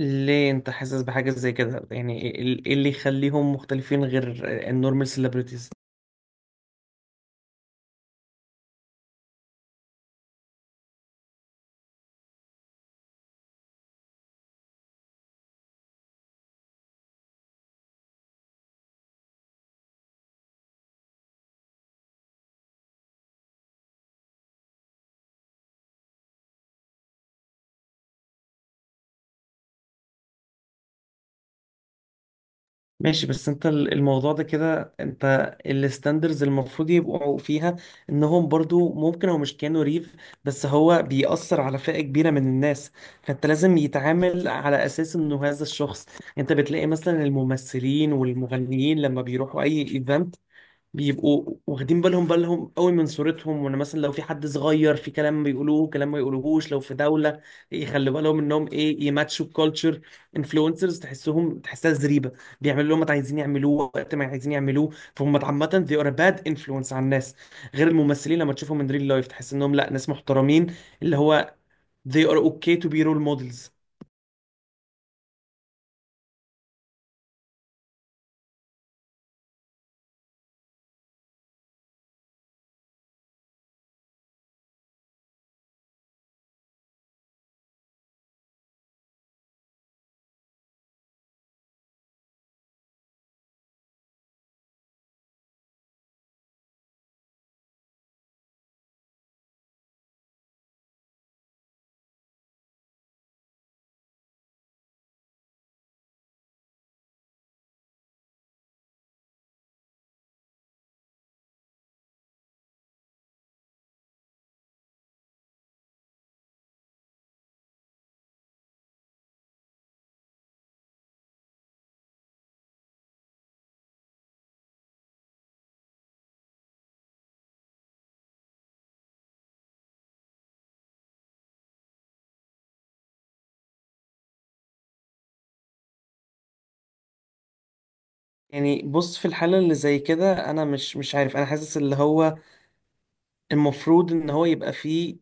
ليه انت حاسس بحاجة زي كده؟ يعني ايه إيه اللي يخليهم مختلفين غير النورمال سيلبرتيز؟ ماشي، بس انت الموضوع ده كده، انت الستاندرز المفروض يبقوا فيها انهم برضو ممكن او مش كانوا ريف، بس هو بيأثر على فئة كبيرة من الناس، فانت لازم يتعامل على اساس انه هذا الشخص. انت بتلاقي مثلا الممثلين والمغنيين لما بيروحوا اي ايفنت بيبقوا واخدين بالهم قوي من صورتهم، وان مثلا لو في حد صغير في كلام بيقولوه، كلام ما يقولوهوش لو في دولة، يخلوا بالهم انهم ايه، يماتشوا الكالتشر. انفلونسرز تحسها زريبة، بيعملوا اللي هم عايزين يعملوه وقت ما عايزين يعملوه، فهم عامة they are a bad influence على الناس. غير الممثلين لما تشوفهم من ريل لايف تحس انهم لا، ناس محترمين، اللي هو they are okay to be role models. يعني بص، في الحالة اللي زي كده أنا مش عارف، أنا حاسس اللي هو المفروض إن هو يبقى فيه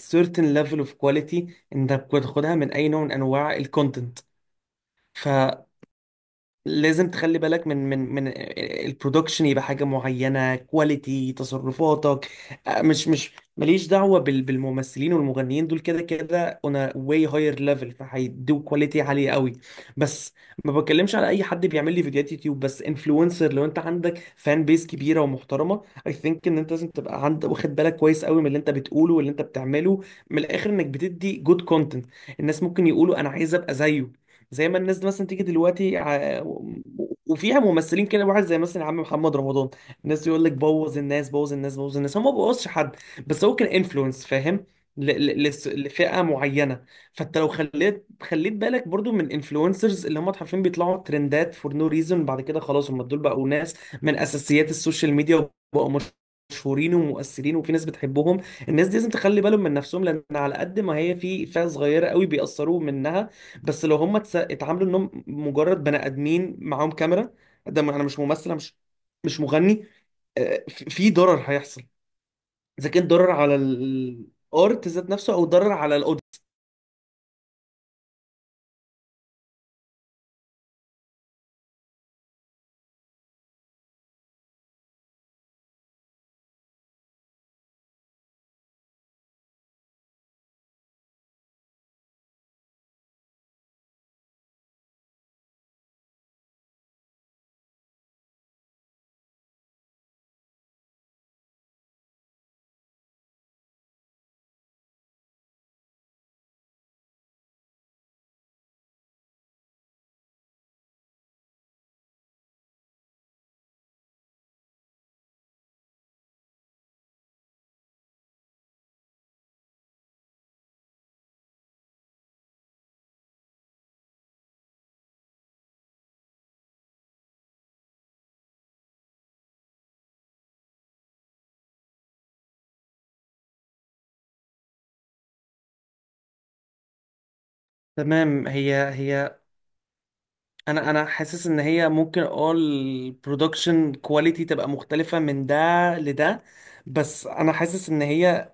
certain level of quality انت بتاخدها من اي نوع من انواع الكونتنت. ف لازم تخلي بالك من من البرودكشن، يبقى حاجة معينة، كواليتي تصرفاتك. مش ماليش دعوة بالممثلين والمغنيين، دول كده كده on a way higher level، فهيدوا كواليتي عالية قوي. بس ما بتكلمش على اي حد بيعمل لي فيديوهات يوتيوب بس، انفلونسر لو انت عندك فان بيس كبيرة ومحترمة، اي ثينك ان انت لازم تبقى عند واخد بالك كويس قوي من اللي انت بتقوله واللي انت بتعمله، من الاخر انك بتدي جود كونتنت. الناس ممكن يقولوا انا عايز ابقى زيه، زي ما الناس مثلا تيجي دلوقتي وفيها ممثلين كده، واحد زي مثلا عم محمد رمضان، الناس يقول لك بوظ الناس، بوظ الناس، بوظ الناس، هو ما بوظش حد، بس هو كان انفلونس، فاهم، لفئة معينة. فانت لو خليت بالك برضو من انفلونسرز اللي هم حرفيا بيطلعوا ترندات فور نو ريزون، بعد كده خلاص هم دول بقوا ناس من اساسيات السوشيال ميديا، وبقوا مشهورين ومؤثرين وفي ناس بتحبهم. الناس دي لازم تخلي بالهم من نفسهم، لان على قد ما هي في فئة صغيرة قوي بيأثروا منها، بس لو هم اتعاملوا انهم مجرد بني ادمين معاهم كاميرا، انا مش ممثل، أنا مش مغني، في ضرر هيحصل اذا كان ضرر على الارت ذات نفسه او ضرر على الاوديو. تمام، هي انا حاسس ان هي ممكن اه البرودكشن كواليتي تبقى مختلفة من ده لده، بس انا حاسس ان هي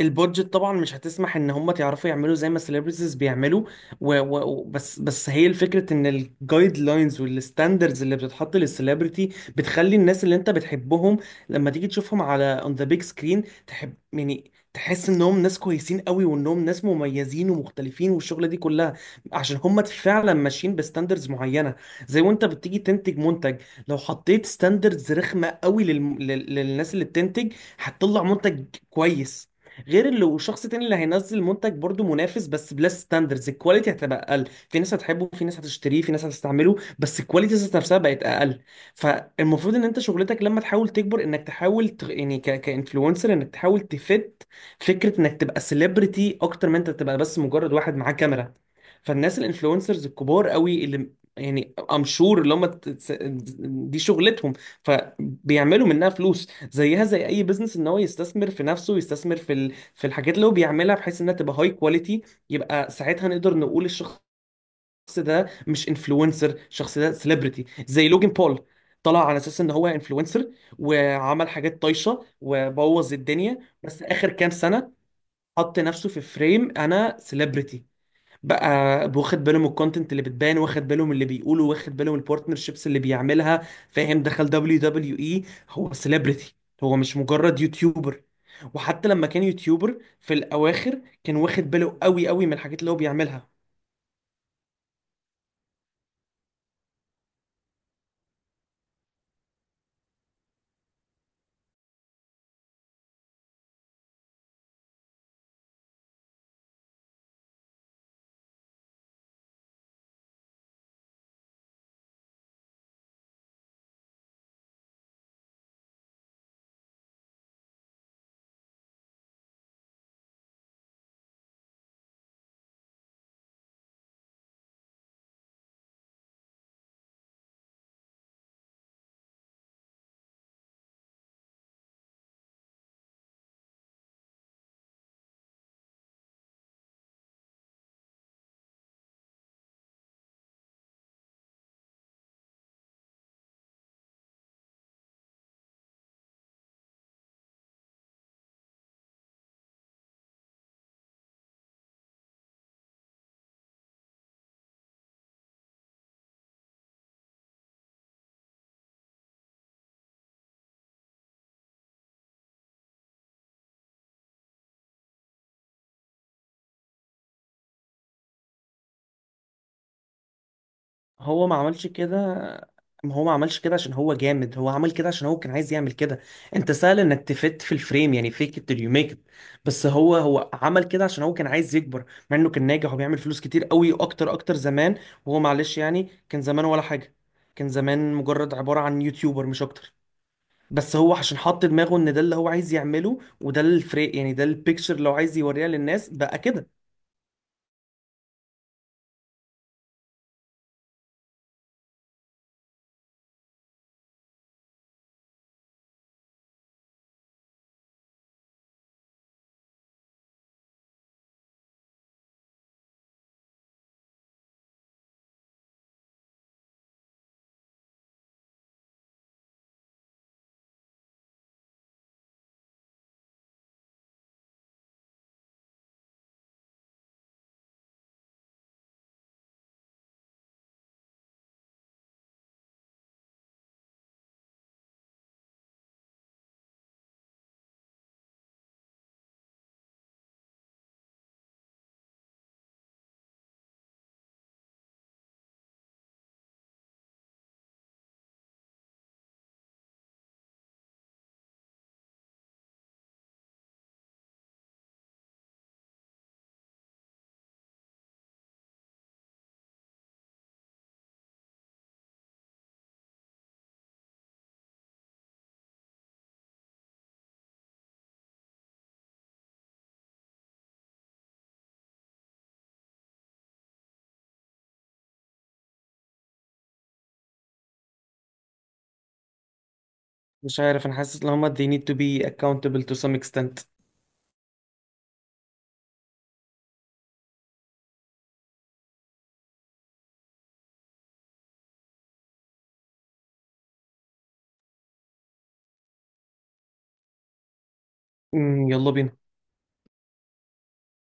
البودجت طبعا مش هتسمح ان هم تعرفوا يعملوا زي ما السليبرتيز بيعملوا. بس هي الفكره ان الجايد لاينز والستاندردز اللي بتتحط للسليبرتي بتخلي الناس اللي انت بتحبهم لما تيجي تشوفهم على اون ذا بيج سكرين تحب، يعني تحس انهم ناس كويسين قوي وانهم ناس مميزين ومختلفين والشغله دي كلها، عشان هم فعلا ماشيين بستاندردز معينه. زي وانت بتيجي تنتج منتج، لو حطيت ستاندردز رخمه قوي للناس اللي بتنتج هتطلع منتج كويس، غير اللي والشخص التاني اللي هينزل منتج برضو منافس بس بلس ستاندردز الكواليتي هتبقى اقل، في ناس هتحبه، في ناس هتشتريه، في ناس هتستعمله، بس الكواليتي ذات نفسها بقت اقل. فالمفروض ان انت شغلتك لما تحاول تكبر انك تحاول ت... يعني ك... كانفلونسر، انك تحاول تفت فكرة انك تبقى سيلبرتي اكتر من انت تبقى بس مجرد واحد معاه كاميرا. فالناس الانفلونسرز الكبار قوي اللي يعني ام شور اللي هم دي شغلتهم، فبيعملوا منها فلوس زيها زي اي بزنس، ان هو يستثمر في نفسه، يستثمر في في الحاجات اللي هو بيعملها بحيث انها تبقى هاي كواليتي. يبقى ساعتها نقدر نقول الشخص ده مش انفلونسر، الشخص ده سيلبرتي. زي لوجن بول، طلع على اساس ان هو انفلونسر وعمل حاجات طايشه وبوظ الدنيا، بس اخر كام سنه حط نفسه في فريم انا سيلبرتي بقى، واخد باله من الكونتنت اللي بتبان، واخد باله من اللي بيقوله، واخد باله من البارتنرشيبس اللي بيعملها، فاهم، دخل دبليو دبليو اي، هو سيلبرتي، هو مش مجرد يوتيوبر. وحتى لما كان يوتيوبر في الاواخر كان واخد باله قوي قوي من الحاجات اللي هو بيعملها. هو ما عملش كده، ما هو ما عملش كده عشان هو جامد، هو عمل كده عشان هو كان عايز يعمل كده. انت سهل انك تفت في الفريم، يعني فيك it till you make it، بس هو عمل كده عشان هو كان عايز يكبر مع انه كان ناجح وبيعمل فلوس كتير قوي، اكتر زمان. وهو معلش يعني كان زمان ولا حاجة، كان زمان مجرد عبارة عن يوتيوبر مش اكتر، بس هو عشان حط دماغه ان ده اللي هو عايز يعمله وده الفريق، يعني ده البيكتشر اللي هو عايز يوريها للناس بقى كده. مش عارف، انا حاسس ان هما they need to be accountable to some extent. يلا بينا.